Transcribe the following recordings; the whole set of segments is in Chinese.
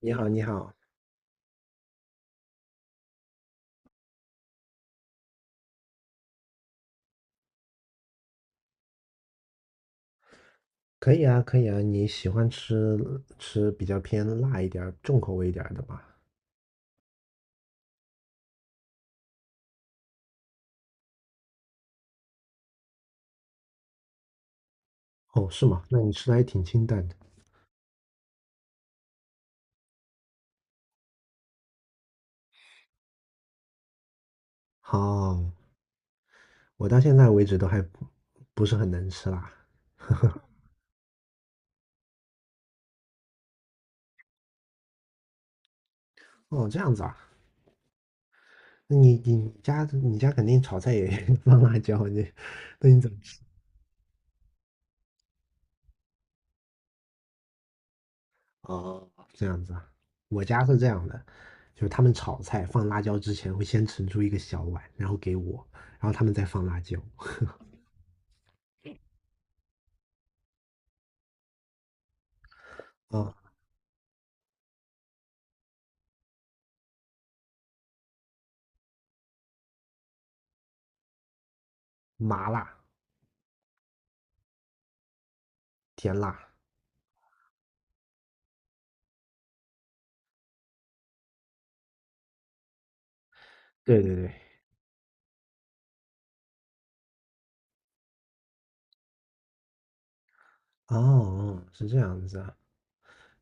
你好，你好。可以啊，可以啊，你喜欢吃比较偏辣一点儿、重口味一点儿的吧？哦，是吗？那你吃的还挺清淡的。好，我到现在为止都还不是很能吃辣。哦，这样子啊。那你家肯定炒菜也 放辣椒，那你怎么吃？哦，这样子啊。我家是这样的，就是他们炒菜放辣椒之前会先盛出一个小碗，然后给我，然后他们再放辣椒。啊、麻辣、甜辣，对对对。哦，是这样子啊。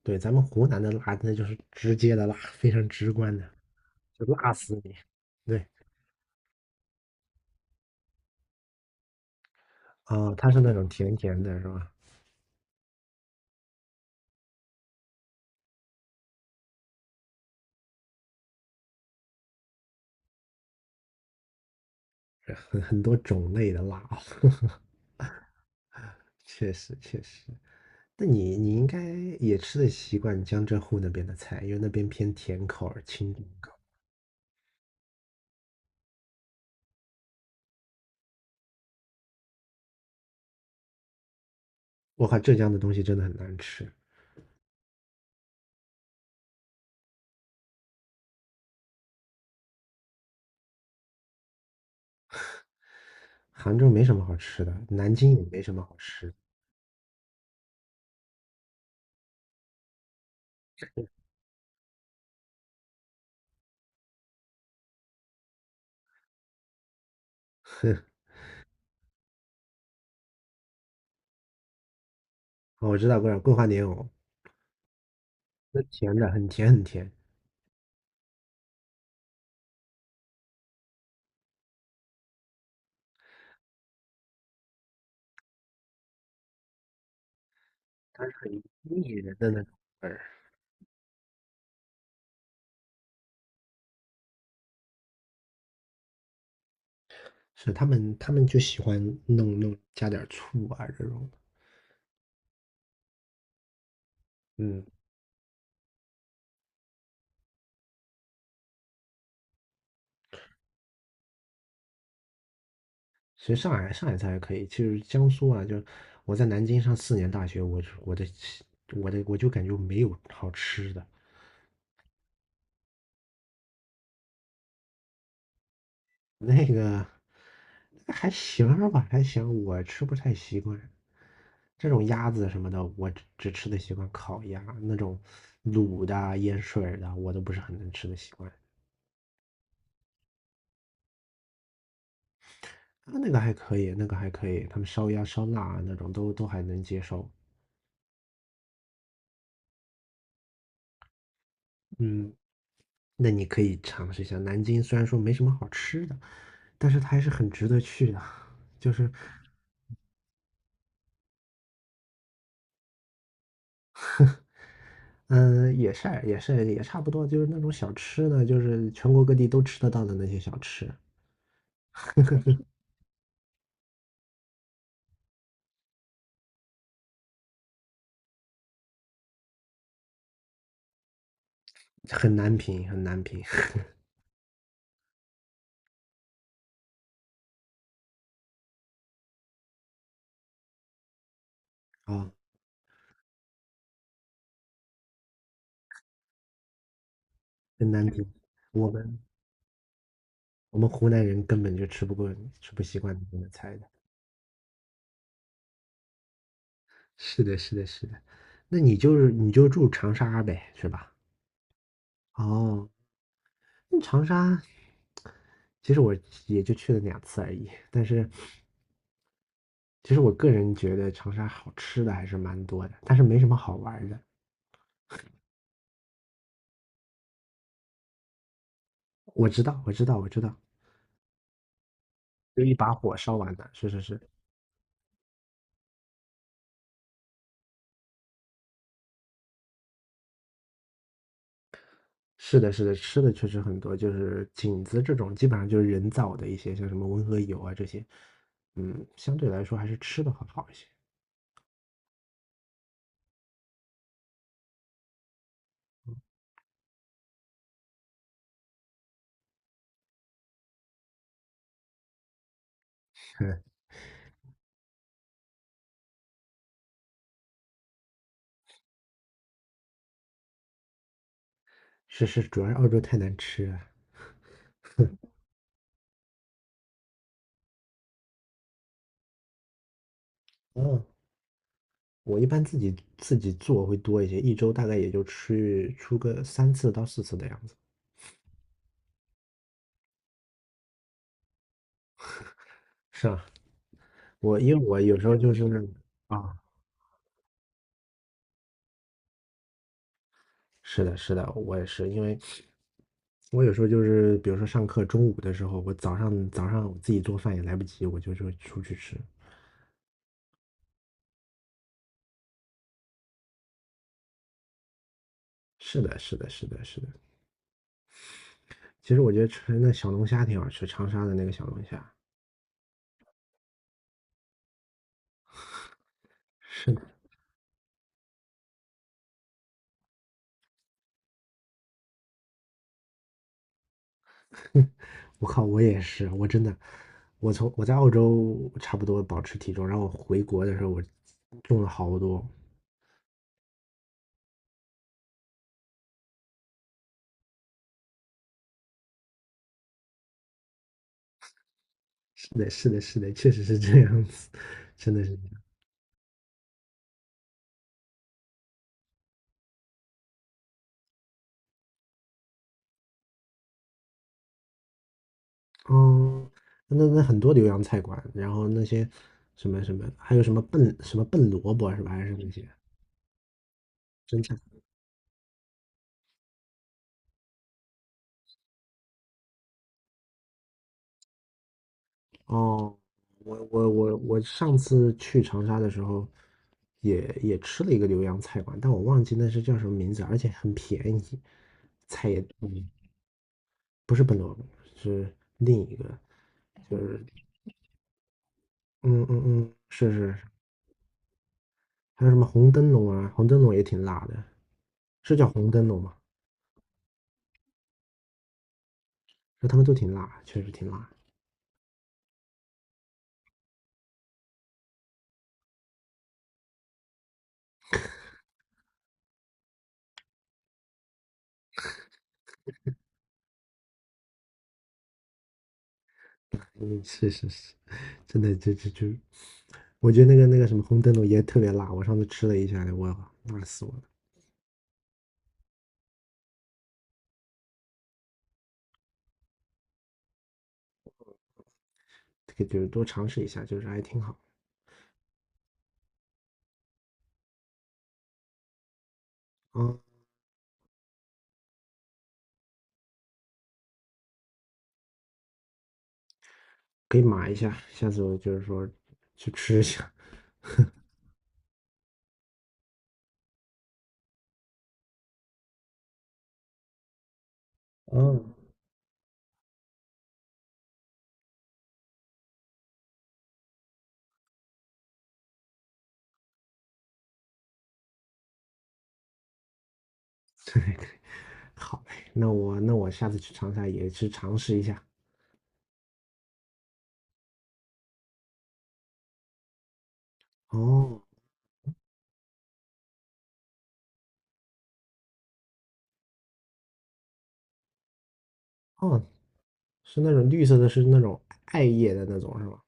对，咱们湖南的辣，那就是直接的辣，非常直观的，就辣死你。对。哦，它是那种甜甜的，是吧？很多种类的辣哦，确实确实。那你应该也吃得习惯江浙沪那边的菜，因为那边偏甜口而清淡口儿。我靠，浙江的东西真的很难吃，杭州没什么好吃的，南京也没什么好吃的。哦，我知道桂花莲藕。那甜的很甜很甜，它是很腻人的那种味儿。是他们就喜欢弄加点儿醋啊这种的。嗯，其实上海菜还可以，其实江苏啊，就我在南京上4年大学，我就我的我的我就感觉没有好吃的。那个还行儿吧，还行，我吃不太习惯。这种鸭子什么的，我只吃得习惯烤鸭，那种卤的啊、腌水儿的啊，我都不是很能吃得习惯。啊，那个还可以，那个还可以，他们烧鸭、烧腊啊那种都还能接受。嗯，那你可以尝试一下南京，虽然说没什么好吃的，但是它还是很值得去的。就是，嗯，也是也是也差不多，就是那种小吃呢，就是全国各地都吃得到的那些小吃。很难评，很难评。 啊，很难评。我们我们湖南人根本就吃不过，吃不习惯那边的菜的。是的，是的，是的。那你就住长沙呗，是吧？哦，那长沙。其实我也就去了2次而已，但是其实我个人觉得长沙好吃的还是蛮多的，但是没什么好玩的。我知道，我知道，我知道。就一把火烧完的，是是是。是的，是的，吃的确实很多，就是景子这种基本上就是人造的一些，像什么温和油啊这些。嗯，相对来说还是吃的会好一些。嗯，是是，主要是澳洲太难吃了。嗯，我一般自己做会多一些，一周大概也就吃出个3次到4次的样子。是啊。我因为我有时候就是，啊，是的，是的，我也是。因为我有时候就是，比如说上课中午的时候，我早上我自己做饭也来不及，我就出去吃。是的，是的，是的，是的。其实我觉得吃那小龙虾挺好吃，长沙的那个小龙虾。是的。我靠，我也是，我真的，我在澳洲差不多保持体重，然后我回国的时候我重了好多。是的，是的，是的，确实是这样子，真的是。嗯，那很多浏阳菜馆，然后那些什么什么，还有什么笨萝卜是吧？还是那些蒸菜？哦，我上次去长沙的时候也，也吃了一个浏阳菜馆，但我忘记那是叫什么名字，而且很便宜，菜也嗯不是笨萝卜，是另一个，就是嗯嗯嗯，是是是。还有什么红灯笼啊，红灯笼也挺辣的，是叫红灯笼吗？那他们都挺辣，确实挺辣。嗯，是是是，真的，就就就，我觉得那个什么红灯笼也特别辣，我上次吃了一下，我辣死我了。这个就是多尝试一下，就是还挺好。啊，可以码一下，下次我就是说去吃一下。嗯，对对，好嘞，那我那我下次去长沙也去尝试一下。哦哦，是那种绿色的，是那种艾叶的那种是吧？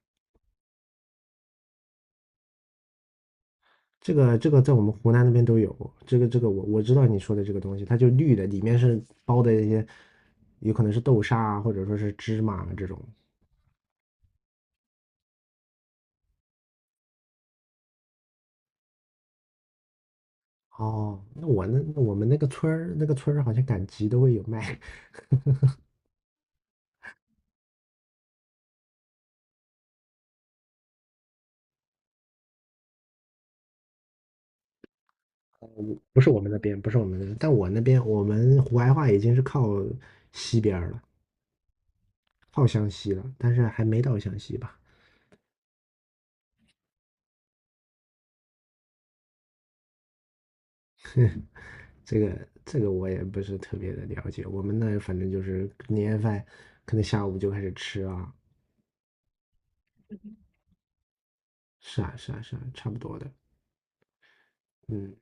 这个在我们湖南那边都有，这个我知道你说的这个东西，它就绿的，里面是包的一些，有可能是豆沙啊，或者说是芝麻啊这种。哦，那我们那个村儿好像赶集都会有卖。不是我们那边，不是我们那边，但我那边我们湖白话已经是靠西边儿了，靠湘西了，但是还没到湘西吧。这个我也不是特别的了解，我们那反正就是年夜饭，可能下午就开始吃啊，是啊是啊是啊，差不多的。嗯，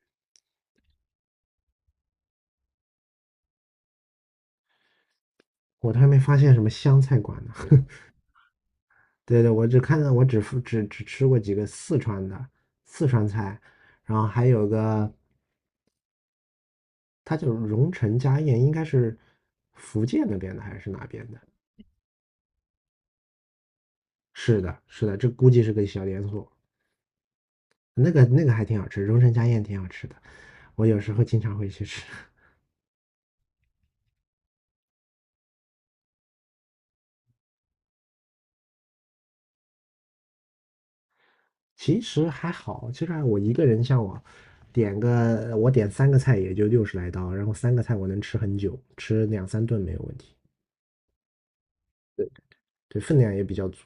我都还没发现什么湘菜馆呢。对对，我只看到我只只只吃过几个四川菜，然后还有个它叫荣成家宴，应该是福建那边的还是哪边的？是的，是的，这估计是个小连锁。那个还挺好吃，荣成家宴挺好吃的，我有时候经常会去吃。其实还好，就算我一个人，像我我点三个菜也就60来刀，然后三个菜我能吃很久，吃两三顿没有问题。对，分量也比较足。